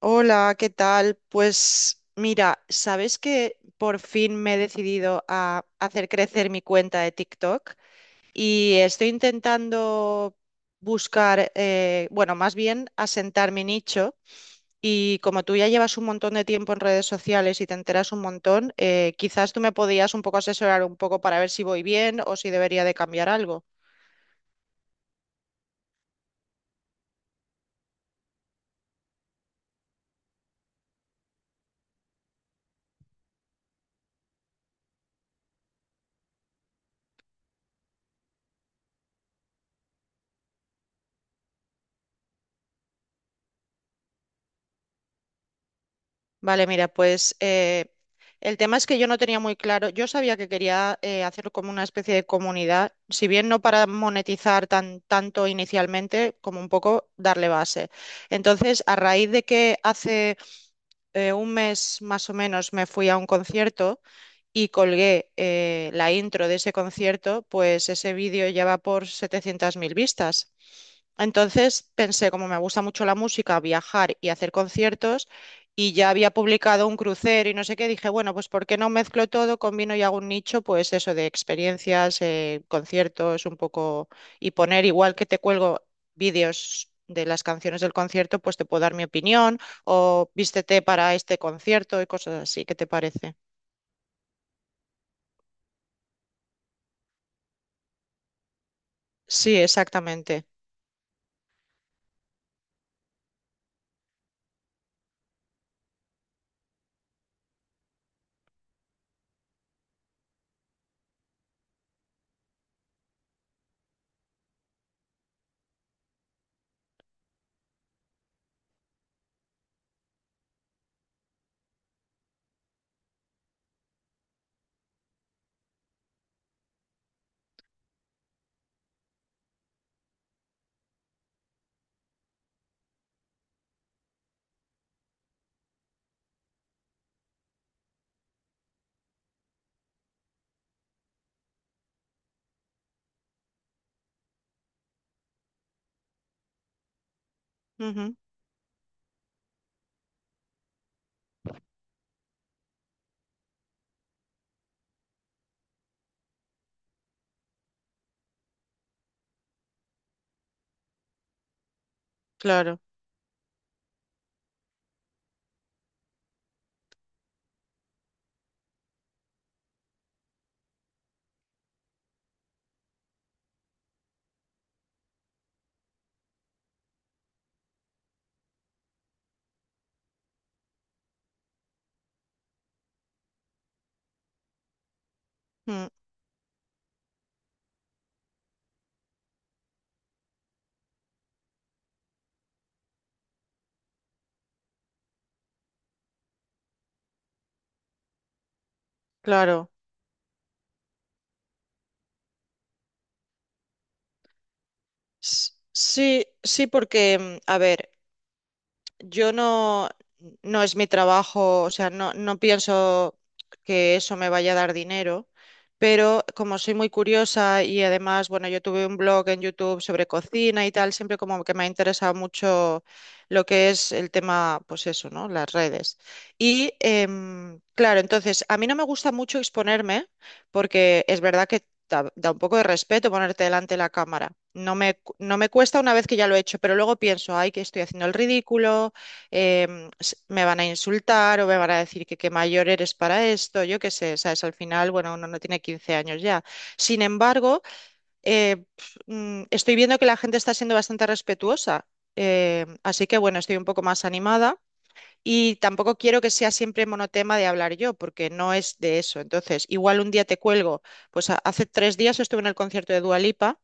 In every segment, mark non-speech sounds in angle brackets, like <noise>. Hola, ¿qué tal? Pues mira, ¿sabes que por fin me he decidido a hacer crecer mi cuenta de TikTok? Y estoy intentando buscar, bueno, más bien asentar mi nicho. Y como tú ya llevas un montón de tiempo en redes sociales y te enteras un montón, quizás tú me podías un poco asesorar un poco para ver si voy bien o si debería de cambiar algo. Vale, mira, pues el tema es que yo no tenía muy claro, yo sabía que quería hacerlo como una especie de comunidad, si bien no para monetizar tanto inicialmente, como un poco darle base. Entonces, a raíz de que hace un mes más o menos me fui a un concierto, y colgué la intro de ese concierto, pues ese vídeo ya va por 700.000 vistas. Entonces pensé, como me gusta mucho la música, viajar y hacer conciertos, y ya había publicado un crucero y no sé qué, dije, bueno, pues ¿por qué no mezclo todo, combino y hago un nicho, pues eso de experiencias, conciertos, un poco, y poner igual que te cuelgo vídeos de las canciones del concierto, pues te puedo dar mi opinión o vístete para este concierto y cosas así, ¿qué te parece? Sí, exactamente. Ujú, claro. Mm, claro. S- Sí, sí, porque, a ver, yo no, no es mi trabajo, o sea, no, no pienso que eso me vaya a dar dinero, pero como soy muy curiosa y además, bueno, yo tuve un blog en YouTube sobre cocina y tal, siempre como que me ha interesado mucho lo que es el tema, pues eso, ¿no? Las redes. Y claro, entonces, a mí no me gusta mucho exponerme porque es verdad que. Da un poco de respeto ponerte delante de la cámara. No me cuesta una vez que ya lo he hecho, pero luego pienso, ay, que estoy haciendo el ridículo, me van a insultar o me van a decir que qué mayor eres para esto, yo qué sé, ¿sabes? Al final, bueno, uno no tiene 15 años ya. Sin embargo, estoy viendo que la gente está siendo bastante respetuosa, así que bueno, estoy un poco más animada. Y tampoco quiero que sea siempre monotema de hablar yo, porque no es de eso. Entonces, igual un día te cuelgo. Pues hace 3 días estuve en el concierto de Dua Lipa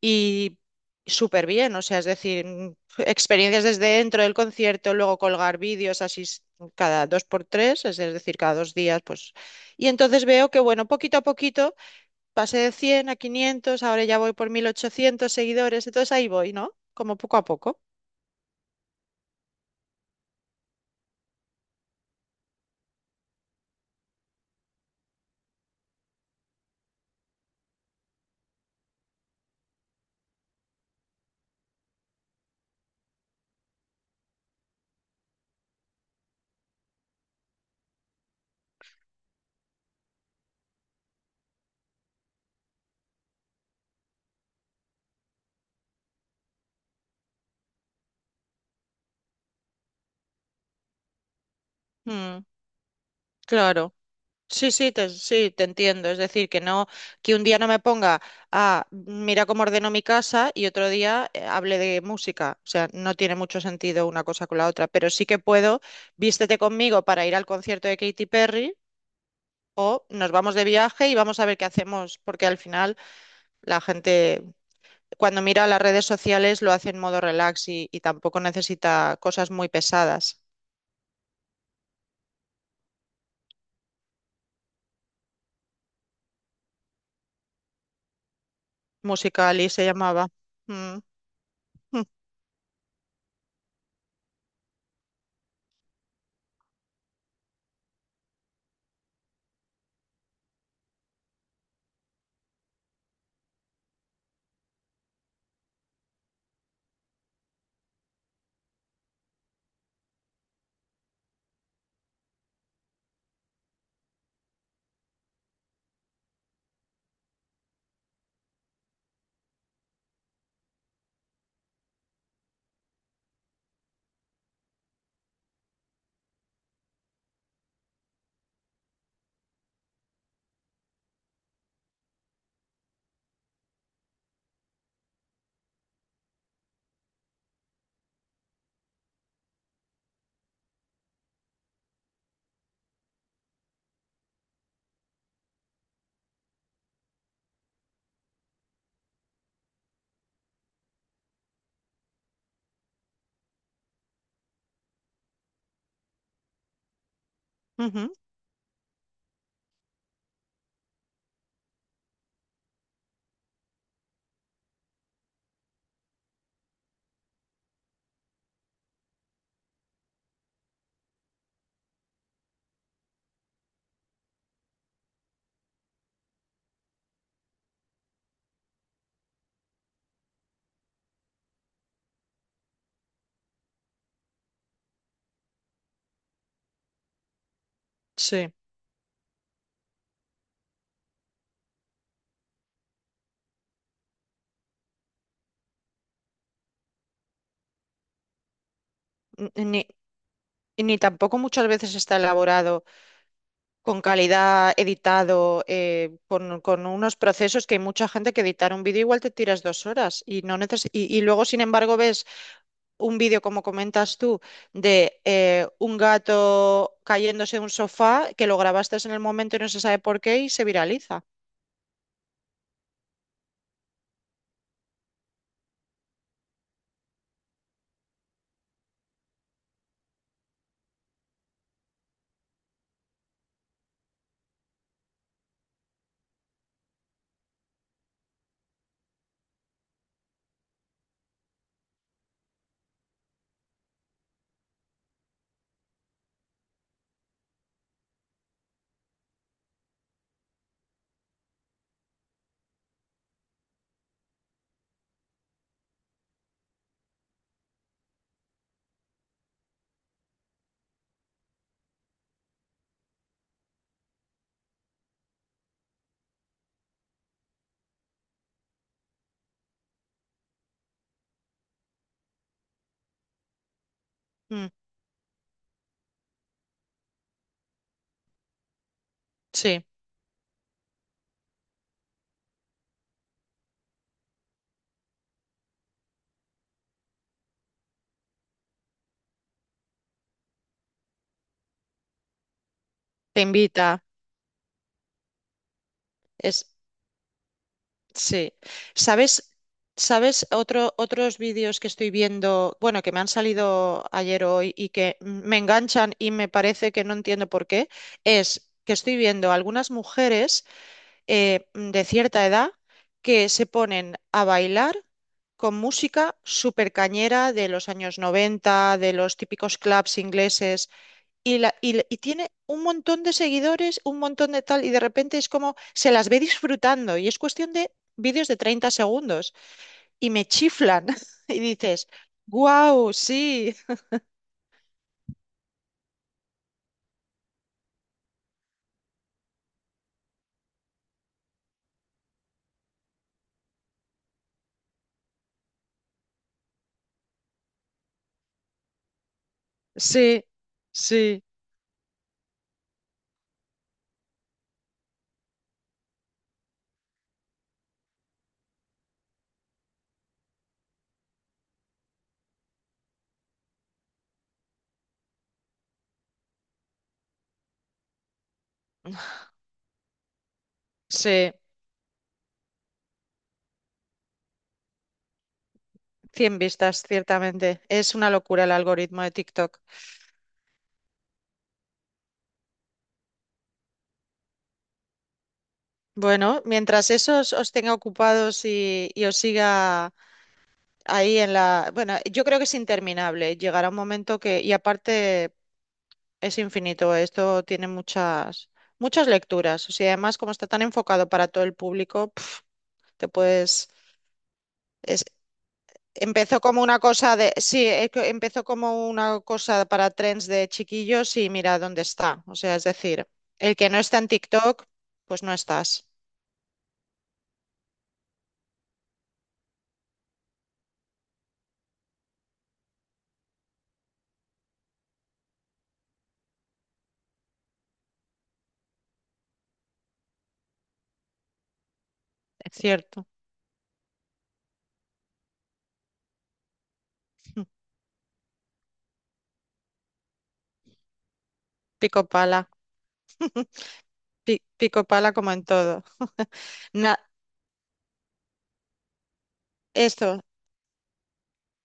y súper bien, o sea, es decir, experiencias desde dentro del concierto, luego colgar vídeos así cada dos por tres, es decir, cada 2 días, pues. Y entonces veo que, bueno, poquito a poquito pasé de 100 a 500, ahora ya voy por 1.800 seguidores, entonces ahí voy, ¿no? Como poco a poco. Mm, claro. Sí, sí, te entiendo. Es decir, que no, que un día no me ponga a mira cómo ordeno mi casa y otro día hable de música. O sea, no tiene mucho sentido una cosa con la otra, pero sí que puedo, vístete conmigo para ir al concierto de Katy Perry o nos vamos de viaje y vamos a ver qué hacemos, porque al final la gente cuando mira las redes sociales lo hace en modo relax y tampoco necesita cosas muy pesadas. Musical.ly se llamaba. Mm, <laughs> mm, ujú, sí. Ni, y ni tampoco muchas veces está elaborado con calidad, editado, con unos procesos que hay mucha gente que editar un vídeo igual te tiras 2 horas y no neces- y luego, sin embargo, ves un vídeo, como comentas tú, de un gato cayéndose de un sofá que lo grabaste en el momento y no se sabe por qué y se viraliza. Mm, sí, te invita. Sí. ¿Sabes? ¿Sabes otros vídeos que estoy viendo, bueno, que me han salido ayer o hoy y que me enganchan y me parece que no entiendo por qué? Es que estoy viendo algunas mujeres de cierta edad que se ponen a bailar con música súper cañera de los años 90, de los típicos clubs ingleses, y tiene un montón de seguidores, un montón de tal, y de repente es como se las ve disfrutando y es cuestión de vídeos de 30 segundos y me chiflan. <laughs> Y dices, wow, sí, sí, sí, sí. 100 vistas, ciertamente. Es una locura el algoritmo de TikTok. Bueno, mientras eso os tenga ocupados y os siga ahí en la. Bueno, yo creo que es interminable. Llegará un momento que. Y aparte. Es infinito, esto tiene muchas, muchas lecturas. O sea, además, como está tan enfocado para todo el público, te puedes. es- empezó como una cosa de. Sí, que empezó como una cosa para trends de chiquillos y mira dónde está. O sea, es decir, el que no está en TikTok, pues no estás. Es cierto. Pico pala. Pico pala como en todo. <laughs> Na- esto.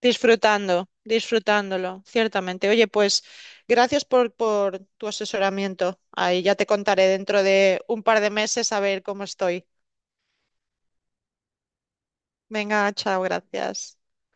Disfrutando, disfrutándolo, ciertamente. Oye, pues gracias por tu asesoramiento. Ahí ya te contaré dentro de un par de meses a ver cómo estoy. Venga, chao, gracias.